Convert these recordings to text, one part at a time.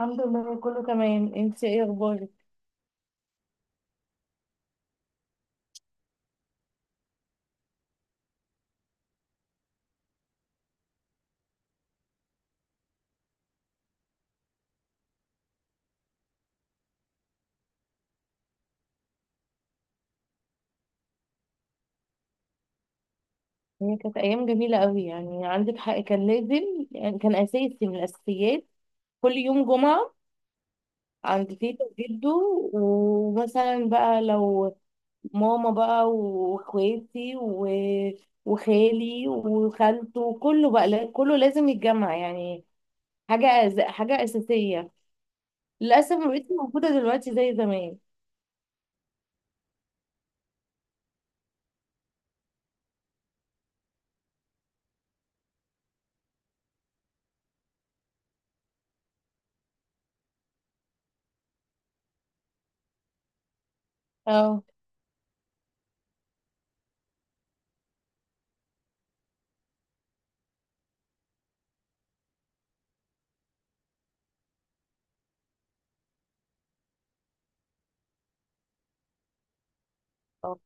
الحمد لله، كله تمام. انت ايه اخبارك؟ هي كانت ايام جميله قوي، يعني عندك حق. كان لازم، يعني كان اساسي من الاساسيات. كل يوم جمعه عند تيتا وجده. ومثلا بقى لو ماما بقى واخواتي و... وخالي وخالته كله بقى كله لازم يتجمع يعني. حاجه اساسيه. للاسف ما بقتش موجوده دلوقتي زي زمان. اه، اه،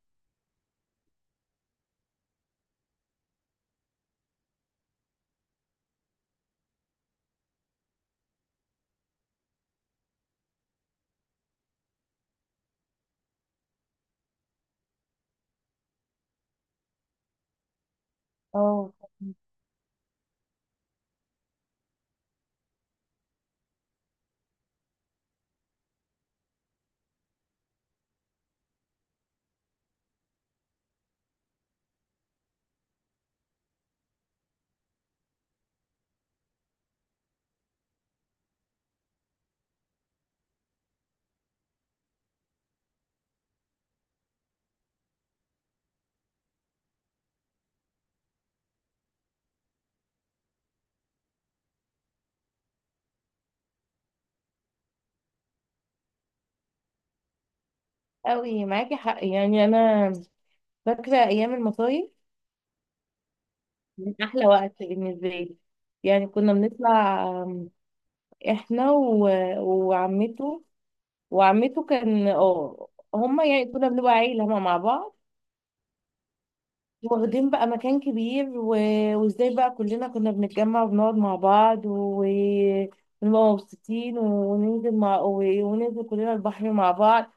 اه، قوي معاكي حق يعني. انا فاكرة أيام المصايف، من أحلى وقت بالنسبة لي. يعني كنا بنطلع، إحنا و... وعمته وعمته كان هما، يعني كنا بنبقى عيلة هما مع بعض. واخدين بقى مكان كبير، وازاي بقى كلنا كنا بنتجمع وبنقعد مع بعض، ونبقى مبسوطين، وننزل كلنا البحر مع بعض.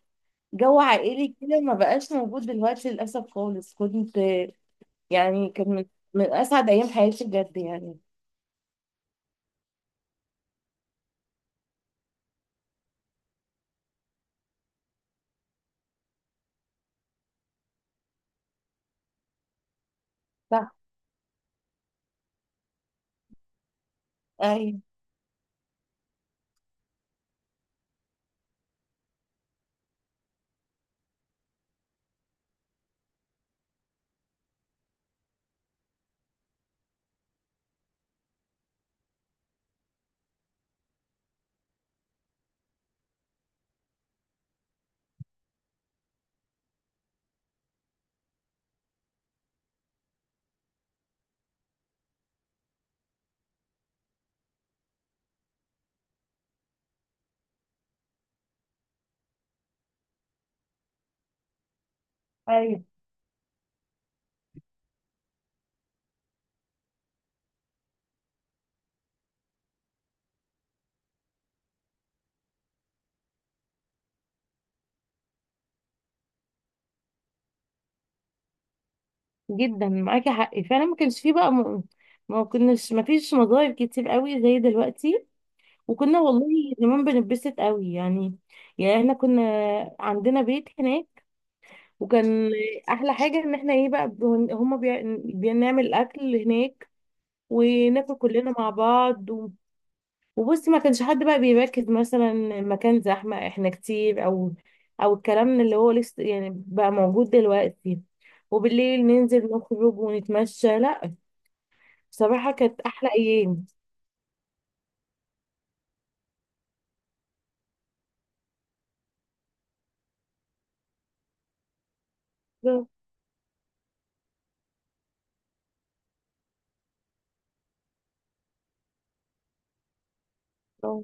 جو عائلي كده ما بقاش موجود دلوقتي للأسف خالص. يعني كان من أسعد أيام حياتي بجد يعني. ايوه، ايوه، جدا معاكي حق فعلا. ما كانش فيه بقى ما فيش مظاهر كتير قوي زي دلوقتي. وكنا والله زمان بنتبسط قوي يعني احنا كنا عندنا بيت هناك. وكان احلى حاجه ان احنا ايه بقى هما بنعمل اكل هناك وناكل كلنا مع بعض. وبصي، ما كانش حد بقى بيركز مثلا المكان زحمة، احنا كتير، او الكلام اللي هو لسه يعني بقى موجود دلوقتي. وبالليل ننزل نخرج ونتمشى. لا، بصراحة كانت أحلى أيام. بالظبط. اه.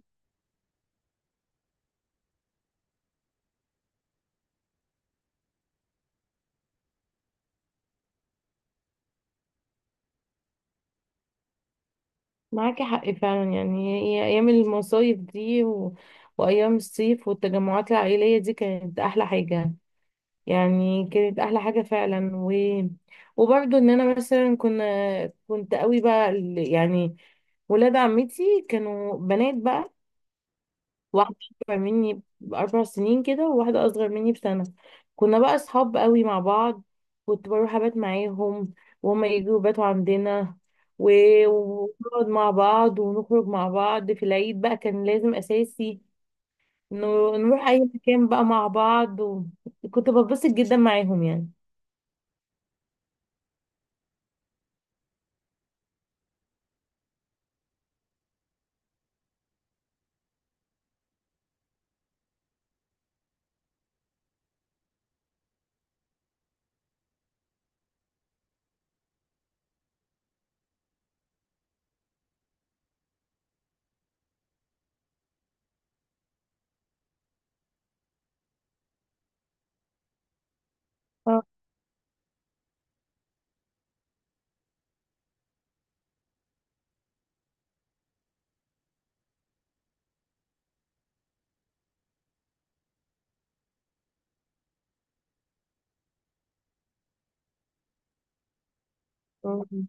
معاكي حق فعلا، يعني هي أيام المصايف دي و... وأيام الصيف والتجمعات العائلية دي كانت أحلى حاجة. يعني كانت احلى حاجه فعلا، و وبرضه ان انا مثلا كنت قوي بقى يعني ولاد عمتي كانوا بنات بقى. واحده اكبر مني ب4 سنين كده، وواحده اصغر مني بسنه. كنا بقى اصحاب قوي مع بعض. كنت بروح ابات معاهم، وهما يجوا يباتوا عندنا، و- ونقعد مع بعض ونخرج مع بعض. في العيد بقى كان لازم اساسي إنه نروح اي مكان بقى مع بعض. وكنت بتبسط جدا معاهم يعني. مم.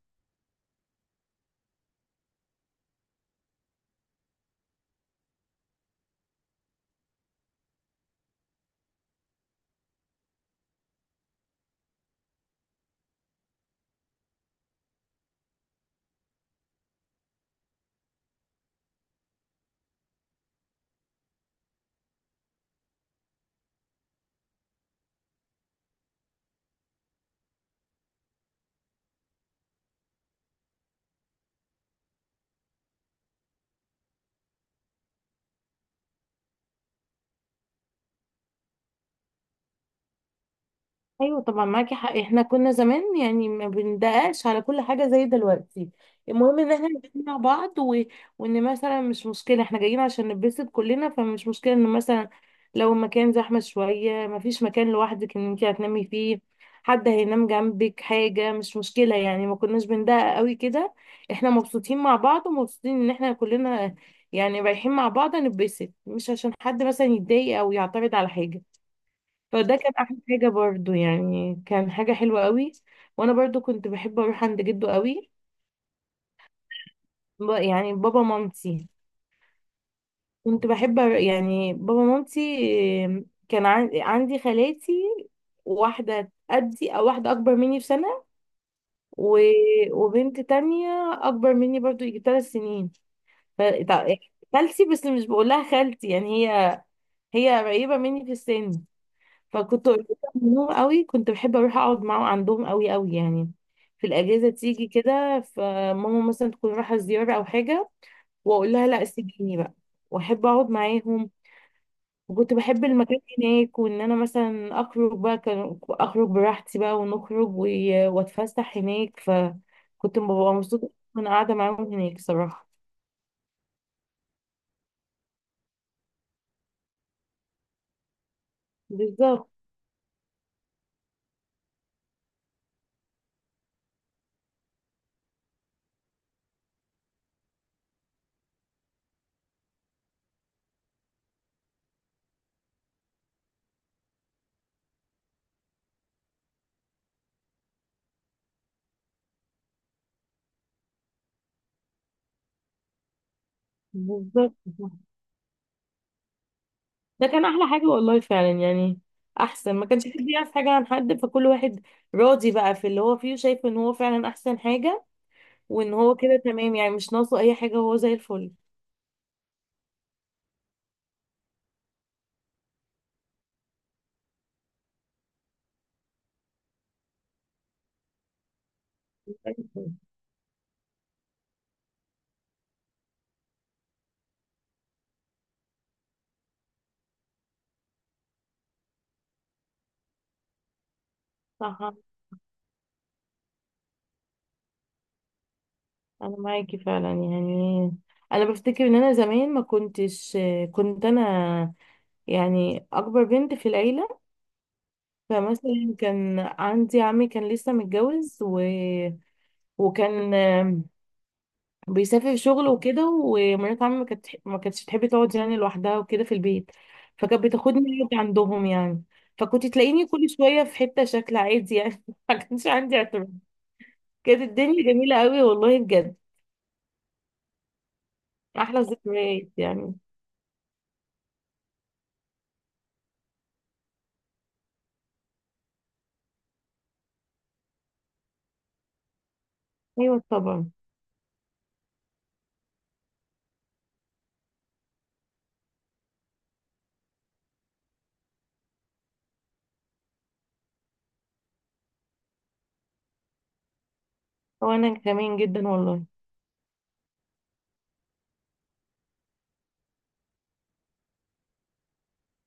ايوه، طبعا معاكي حق. احنا كنا زمان يعني ما بندققش على كل حاجه زي دلوقتي. المهم ان احنا نتكلم مع بعض، و... وان مثلا مش مشكله احنا جايين عشان نتبسط كلنا، فمش مشكله ان مثلا لو المكان زحمه شويه، ما فيش مكان لوحدك ان انت هتنامي فيه، حد هينام جنبك، حاجه مش مشكله. يعني ما كناش بندقق قوي كده. احنا مبسوطين مع بعض، ومبسوطين ان احنا كلنا يعني رايحين مع بعض نتبسط، مش عشان حد مثلا يتضايق او يعترض على حاجه. فده كان احلى حاجه برضو، يعني كان حاجه حلوه قوي. وانا برضو كنت بحب اروح عند جده قوي، يعني بابا مامتي. كنت بحب يعني بابا مامتي كان عندي خالاتي. واحده قدي، او واحده اكبر مني بسنه، و... وبنت تانية اكبر مني برضو يجي 3 سنين. ف... تع- خالتي، بس مش بقولها خالتي يعني هي قريبه مني في السن. فكنت قريبة منهم قوي. كنت بحب اروح اقعد معاهم عندهم قوي قوي يعني. في الاجازه تيجي كده، فماما مثلا تكون رايحه زياره او حاجه، واقول لها لا، سيبيني بقى واحب اقعد معاهم. وكنت بحب المكان هناك، وان انا مثلا اخرج بقى كان اخرج براحتي بقى، ونخرج و- واتفسح هناك، فكنت ببقى مبسوطه وانا قاعده معاهم هناك صراحه. بالظبط، بالظبط. ده كان احلى حاجة والله فعلا يعني. احسن ما كانش حد يعرف حاجة عن حد، فكل واحد راضي بقى في اللي هو فيه، وشايف ان هو فعلا احسن حاجة، وان هو كده تمام. يعني مش ناقصه اي حاجة، هو زي الفل. صح. انا معاكي فعلا يعني. انا بفتكر ان انا زمان ما كنتش كنت انا يعني اكبر بنت في العيله. فمثلا كان عندي عمي، كان لسه متجوز، و... وكان بيسافر شغل وكده. ومرات عمي ما كانتش تحب تقعد يعني لوحدها وكده في البيت، فكانت بتاخدني أقعد عندهم يعني. فكنت تلاقيني كل شوية في حتة، شكل عادي يعني ما كانش عندي اعتراض. كانت الدنيا جميلة قوي والله بجد. أحلى ذكريات يعني. أيوة، طبعا. وأنا كمان جدا والله.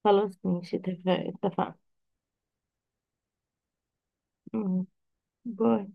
خلاص، ماشي، اتفقنا. مم. باي.